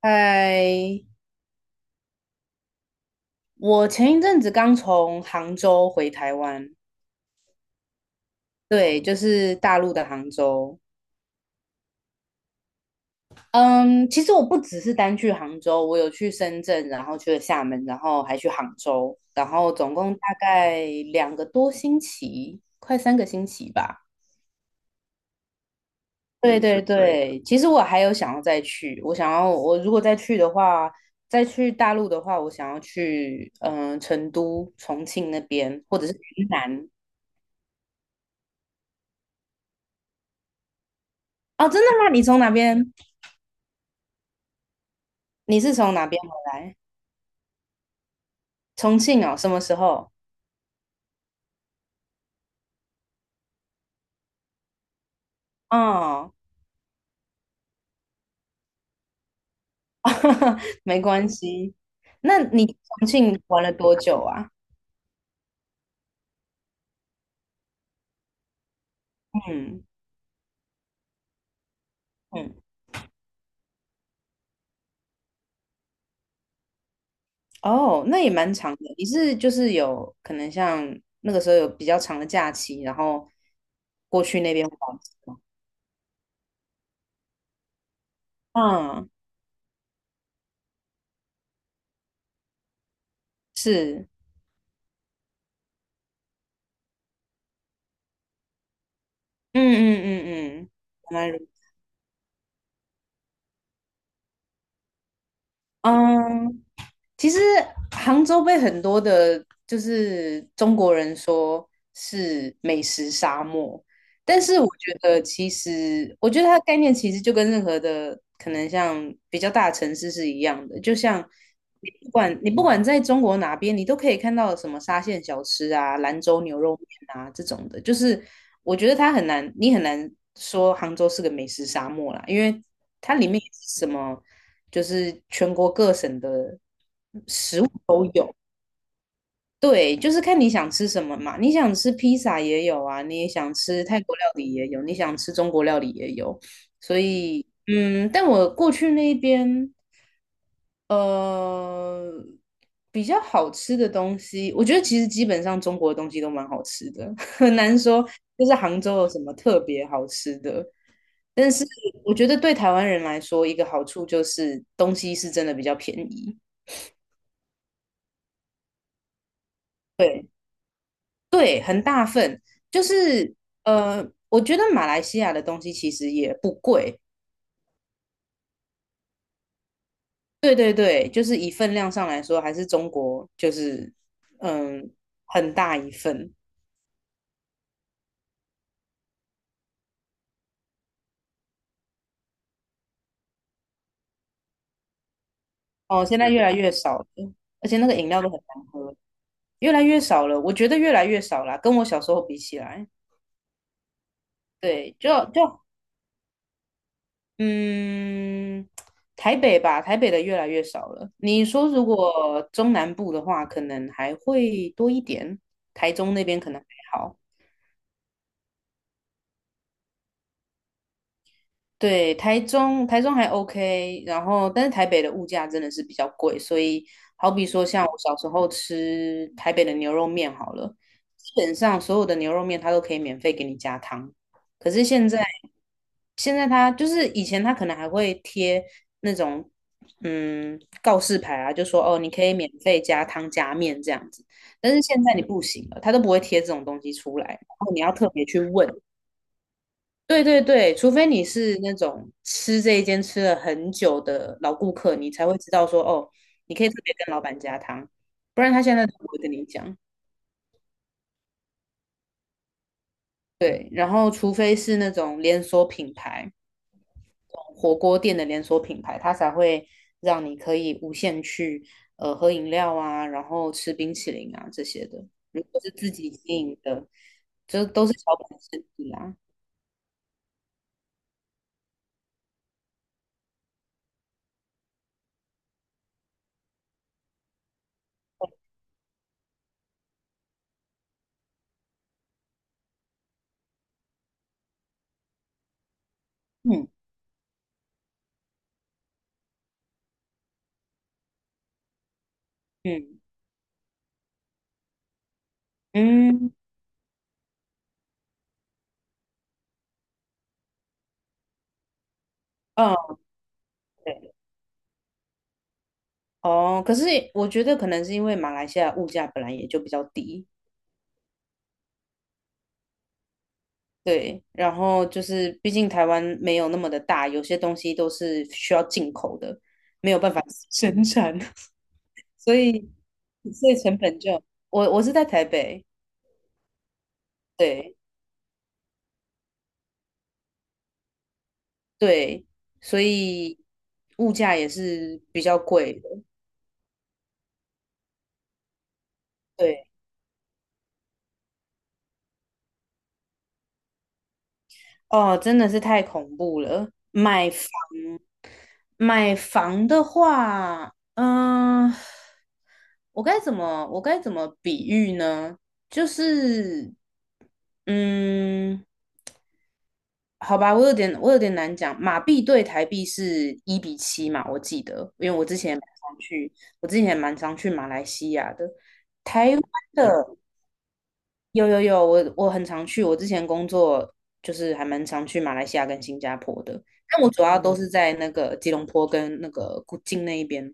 嗨，我前一阵子刚从杭州回台湾，对，就是大陆的杭州。嗯，其实我不只是单去杭州，我有去深圳，然后去了厦门，然后还去杭州，然后总共大概2个多星期，快3个星期吧。对对对，其实我还有想要再去，我想要我如果再去的话，再去大陆的话，我想要去成都、重庆那边，或者是云南。哦，真的吗？你从哪边？你是从哪边回来？重庆哦，什么时候？哦，没关系。那你重庆玩了多久啊？嗯嗯，哦，那也蛮长的。你是就是有可能像那个时候有比较长的假期，然后过去那边玩是吗？嗯，是，嗯嗯嗯嗯，原来如此。嗯其实杭州被很多的，就是中国人说是美食沙漠，但是我觉得其实，我觉得它的概念其实就跟任何的可能像比较大的城市是一样的，就像你不管在中国哪边，你都可以看到什么沙县小吃啊、兰州牛肉面啊这种的，就是我觉得它很难，你很难说杭州是个美食沙漠啦，因为它里面也是什么。就是全国各省的食物都有。对，就是看你想吃什么嘛。你想吃披萨也有啊，你也想吃泰国料理也有，你想吃中国料理也有。所以，嗯，但我过去那一边呃，比较好吃的东西，我觉得其实基本上中国的东西都蛮好吃的，很难说就是杭州有什么特别好吃的。但是我觉得对台湾人来说，一个好处就是东西是真的比较便宜，对对，很大份。就是我觉得马来西亚的东西其实也不贵，对对对，就是以份量上来说，还是中国就是嗯很大一份。哦，现在越来越少了，而且那个饮料都很难喝，越来越少了。我觉得越来越少了，跟我小时候比起来，对，就嗯，台北吧，台北的越来越少了。你说如果中南部的话，可能还会多一点，台中那边可能还好。对，台中还 OK，然后但是台北的物价真的是比较贵，所以好比说像我小时候吃台北的牛肉面好了，基本上所有的牛肉面它都可以免费给你加汤，可是现在它就是以前它可能还会贴那种告示牌啊，就说哦你可以免费加汤加面这样子，但是现在你不行了，它都不会贴这种东西出来，然后你要特别去问。对对对，除非你是那种吃这一间吃了很久的老顾客，你才会知道说哦，你可以特别跟老板加汤，不然他现在都不会跟你讲。对，然后除非是那种连锁品牌，火锅店的连锁品牌，它才会让你可以无限去喝饮料啊，然后吃冰淇淋啊这些的。如果是自己经营的，这都是小本生意啦。嗯嗯嗯，哦，对。哦，可是我觉得可能是因为马来西亚物价本来也就比较低，对，然后就是毕竟台湾没有那么的大，有些东西都是需要进口的，没有办法 生产，所以成本就我是在台北，对对，所以物价也是比较贵的，对。哦，真的是太恐怖了。买房，买房的话，我该怎么比喻呢？就是，嗯，好吧，我有点难讲。马币对台币是1:7嘛，我记得，因为我之前也蛮常去，我之前也蛮常去马来西亚的。的有有有，我很常去，我之前工作就是还蛮常去马来西亚跟新加坡的，但我主要都是在那个吉隆坡跟那个古晋那一边，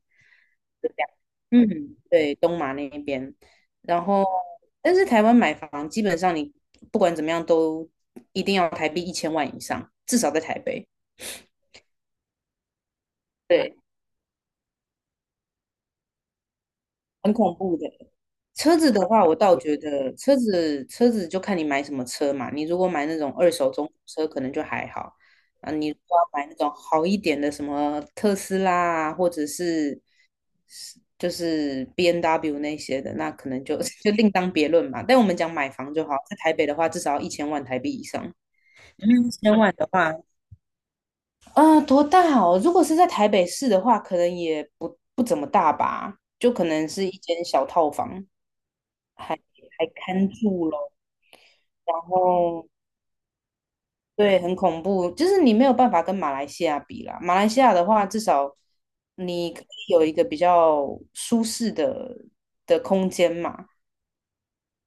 就这样。嗯，对，东马那一边。然后，但是台湾买房基本上你不管怎么样都一定要台币一千万以上，至少在台北，对，很恐怖的。车子的话，我倒觉得车子就看你买什么车嘛。你如果买那种二手中古车，可能就还好。啊，你如果要买那种好一点的，什么特斯拉啊，或者是就是 b N w 那些的，那可能就 就另当别论嘛。但我们讲买房就好，在台北的话，至少要1000万台币以上。嗯，一千万的话，多大哦？如果是在台北市的话，可能也不怎么大吧，就可能是一间小套房，还还看住咯。然后对，很恐怖，就是你没有办法跟马来西亚比啦。马来西亚的话，至少你可以有一个比较舒适的空间嘛。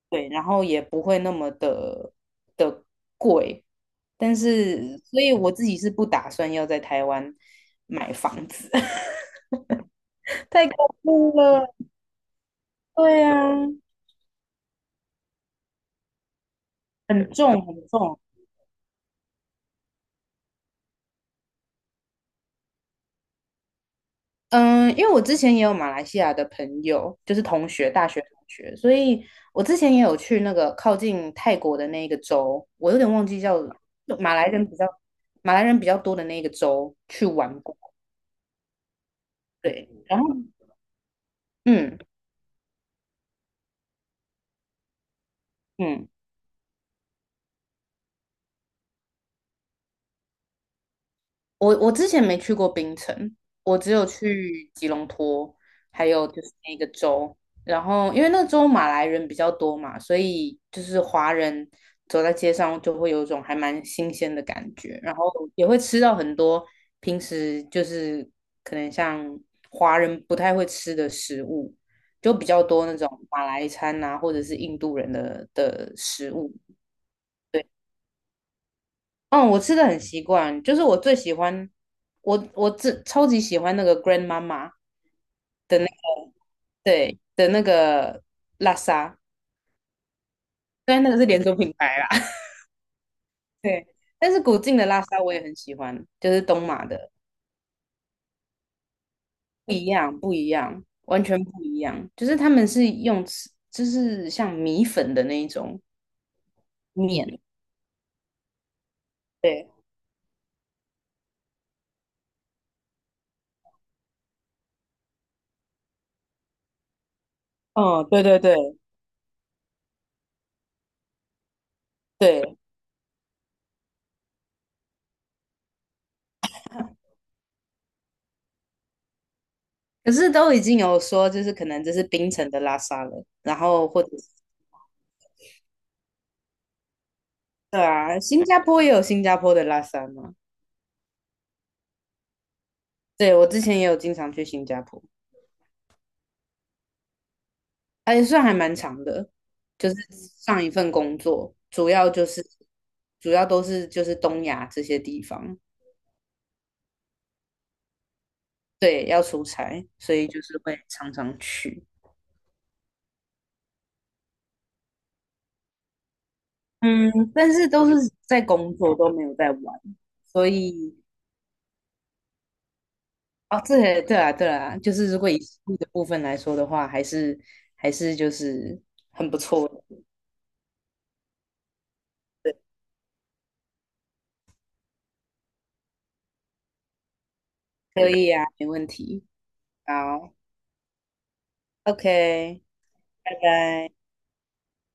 对，然后也不会那么的的贵，但是，所以我自己是不打算要在台湾买房子，太恐怖了。对啊，很重很重。嗯，因为我之前也有马来西亚的朋友，就是同学，大学同学，所以我之前也有去那个靠近泰国的那一个州，我有点忘记叫就马来人比较多的那一个州去玩过。对，然后嗯嗯。我之前没去过槟城，我只有去吉隆坡，还有就是那个州。然后因为那个州马来人比较多嘛，所以就是华人走在街上就会有一种还蛮新鲜的感觉，然后也会吃到很多平时就是可能像华人不太会吃的食物，就比较多那种马来餐啊，或者是印度人的食物。对。嗯，我吃的很习惯，就是我最喜欢，我超级喜欢那个 Grandmama 的那对的那个拉沙，虽然那个是连锁品牌啦，对，但是古晋的拉沙我也很喜欢，就是东马的，不一样，不一样，完全不一样，就是他们是用吃，就是像米粉的那一种面，对，哦，对对对对，可是都已经有说，就是可能这是冰城的拉沙了，然后或者是。对啊，新加坡也有新加坡的拉萨嘛。对，我之前也有经常去新加坡，而且算还蛮长的。就是上一份工作，主要都是就是东亚这些地方，对，要出差，所以就是会常常去。嗯，但是都是在工作，都没有在玩，所以哦，这也对啊，对啊，就是如果以收入的部分来说的话，还是就是很不错的，对，可以啊，没问题，好。OK，拜拜。